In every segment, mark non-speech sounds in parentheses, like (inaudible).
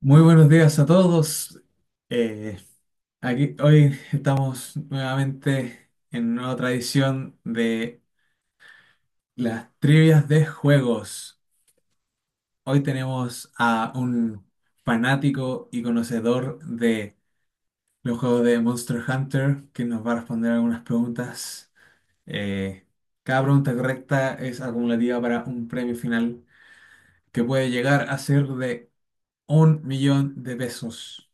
Muy buenos días a todos. Eh, aquí hoy estamos nuevamente en una nueva tradición de las trivias de juegos. Hoy tenemos a un fanático y conocedor de los juegos de Monster Hunter que nos va a responder algunas preguntas. Eh, cada pregunta correcta es acumulativa para un premio final que puede llegar a ser de 1 millón de pesos.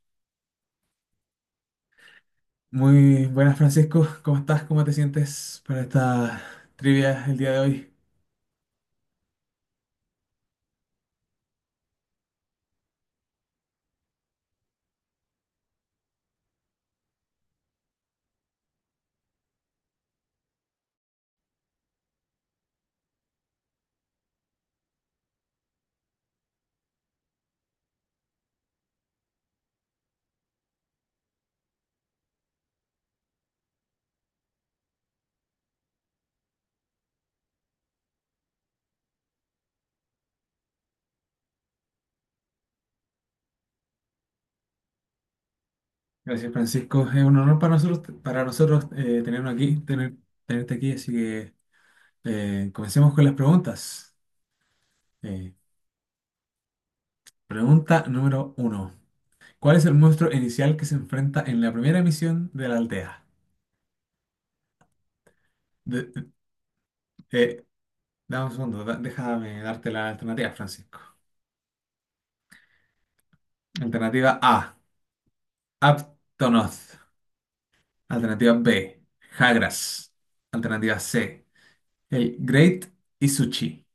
Muy buenas, Francisco. ¿Cómo estás? ¿Cómo te sientes para esta trivia el día de hoy? Gracias, Francisco. Es un honor para nosotros, tenernos aquí, tenerte aquí. Así que comencemos con las preguntas. Eh, pregunta número uno. ¿Cuál es el monstruo inicial que se enfrenta en la primera misión de la aldea? De- eh, dame un segundo, déjame darte la alternativa, Francisco. Alternativa A, Aptonoth. Alternativa B, Jagras. Alternativa C, Hey, Great Isuchi,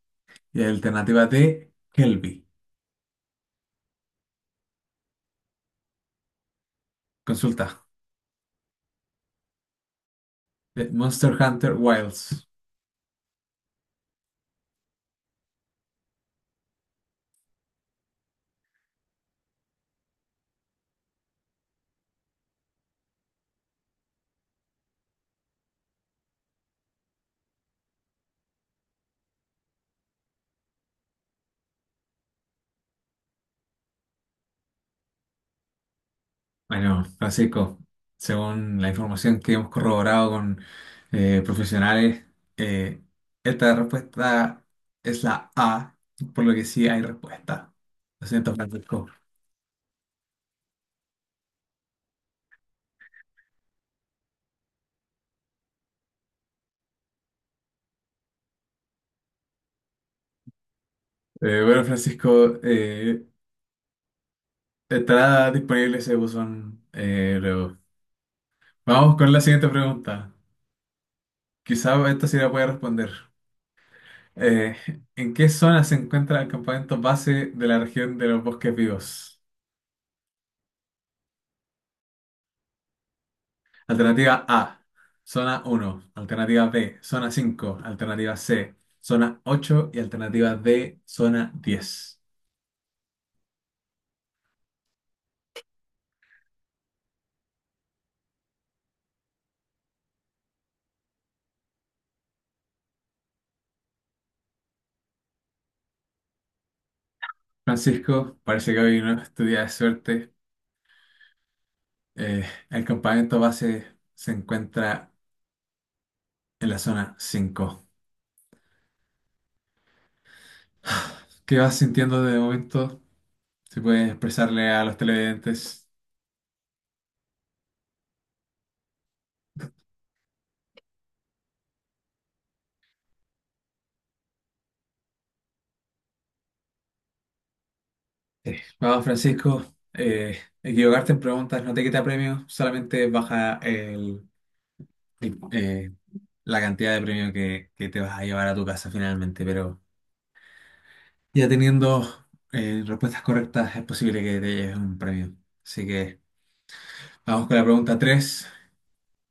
y la alternativa de Kelby. Consulta. De Monster Hunter Wilds. Bueno, Francisco, según la información que hemos corroborado con profesionales, eh, esta respuesta es la A, por lo que sí hay respuesta. Lo siento, Francisco. Bueno, Francisco, estará disponible ese buzón luego. Vamos con la siguiente pregunta. Quizá esta sí la puede responder. Eh, ¿en qué zona se encuentra el campamento base de la región de los bosques vivos? Alternativa A, zona uno. Alternativa B, zona 5. Alternativa C, zona ocho. Y alternativa D, zona 10. Francisco, parece que hoy no es tu día de suerte. Eh, el campamento base se encuentra en la zona 5. (sighs) ¿Qué vas sintiendo de momento? Si puedes expresarle a los televidentes. Vamos, Francisco, equivocarte en preguntas no te quita premio, solamente baja el, eh, la cantidad de premio que te vas a llevar a tu casa finalmente, pero ya teniendo respuestas correctas es posible que te lleves un premio. Así que vamos con la pregunta 3: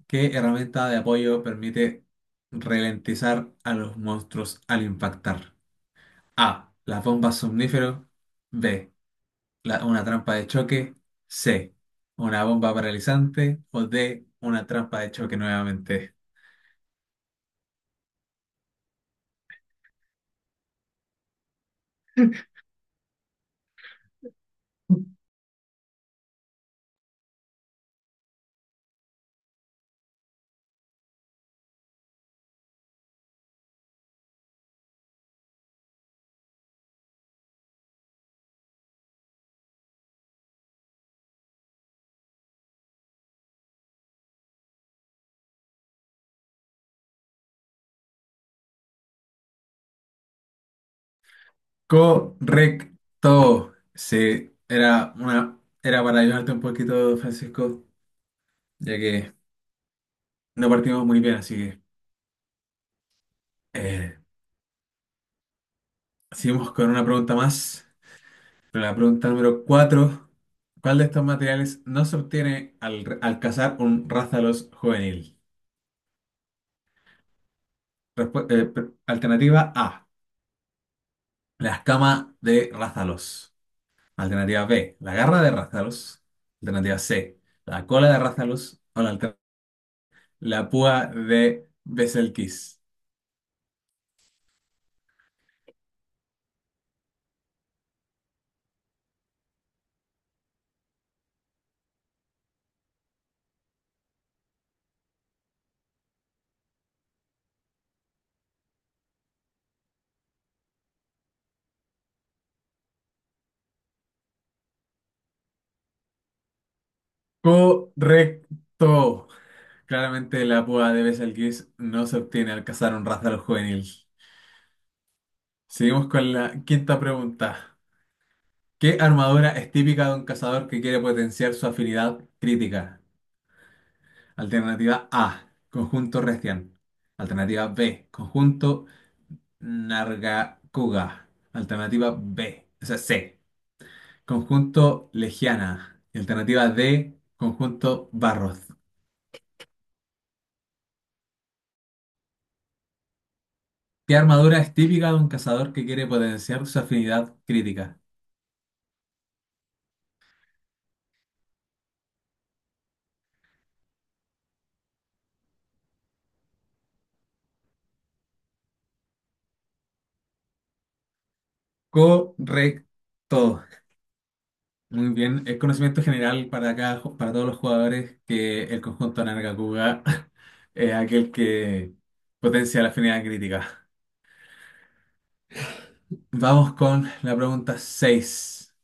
¿qué herramienta de apoyo permite ralentizar a los monstruos al impactar? A. Las bombas somníferos. B. Una trampa de choque. C. Una bomba paralizante. O D. Una trampa de choque nuevamente. Correcto. Sí, era para ayudarte un poquito, Francisco, ya que no partimos muy bien, así que eh, seguimos con una pregunta más. La pregunta número cuatro. ¿Cuál de estos materiales no se obtiene al cazar un rázalos juvenil? Alternativa A. La escama de rázalos. Alternativa B, la garra de Rathalos. Alternativa C, la cola de Rathalos. O la púa de Betelgeuse. Correcto. Claramente la púa de Betelgeuse no se obtiene al cazar un Rathalos juvenil. Seguimos con la quinta pregunta. ¿Qué armadura es típica de un cazador que quiere potenciar su afinidad crítica? Alternativa A, conjunto Restian. Alternativa B, conjunto Nargacuga. Alternativa B. O sea, C. Conjunto Legiana. Y alternativa D, conjunto Barros. ¿Qué armadura es típica de un cazador que quiere potenciar su afinidad crítica? Correcto. Muy bien. Es conocimiento general para para todos los jugadores que el conjunto Nargacuga (laughs) es aquel que potencia la afinidad crítica. Vamos con la pregunta 6.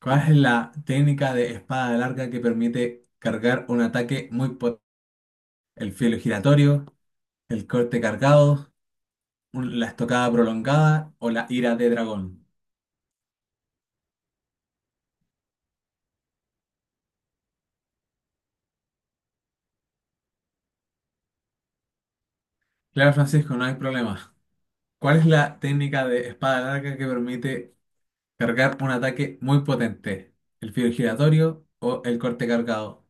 ¿Cuál es la técnica de espada larga que permite cargar un ataque muy potente? ¿El filo giratorio, el corte cargado, la estocada prolongada o la ira de dragón? Claro, Francisco, no hay problema. ¿Cuál es la técnica de espada larga que permite cargar un ataque muy potente? ¿El filo giratorio o el corte cargado?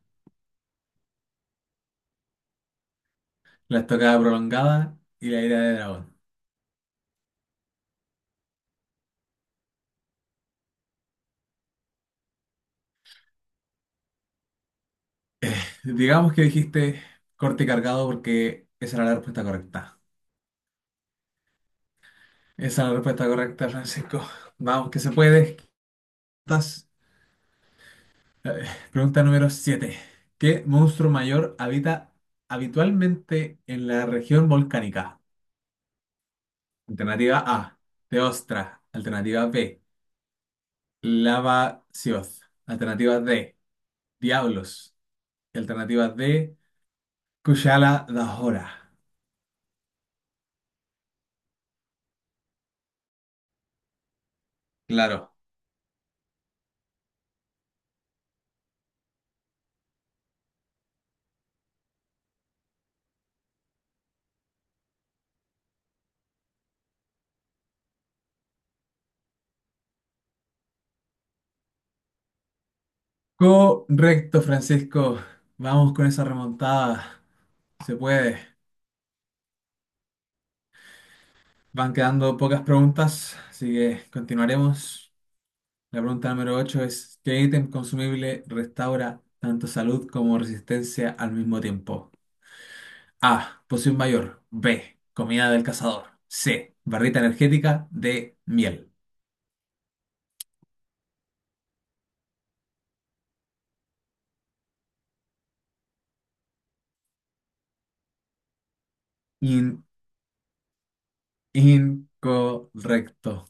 ¿La estocada prolongada y la ira de dragón? Digamos que dijiste corte cargado porque esa era la respuesta correcta. Esa es la respuesta correcta, Francisco. Vamos, que se puede. Estás- a ver, pregunta número siete. ¿Qué monstruo mayor habita habitualmente en la región volcánica? Alternativa A, Teostra. Alternativa B, Lava Sioz. Alternativa D, Diablos. Alternativa D, Kushala Dahora. Claro. Correcto, Francisco. Vamos con esa remontada. Se puede. Van quedando pocas preguntas, así que continuaremos. La pregunta número 8 es, ¿qué ítem consumible restaura tanto salud como resistencia al mismo tiempo? A. Poción mayor. B. Comida del cazador. C. Barrita energética. D. Miel. In- incorrecto.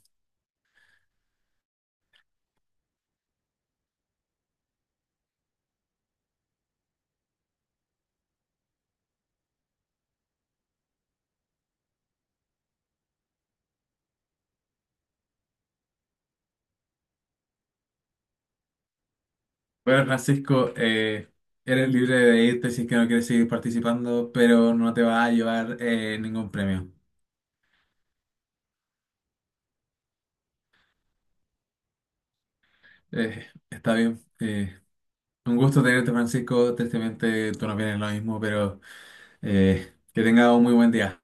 Bueno, Francisco, eres libre de irte si es que no quieres seguir participando, pero no te va a llevar ningún premio. Está bien. Un gusto tenerte, Francisco. Tristemente tú no vienes lo mismo, pero que tengas un muy buen día.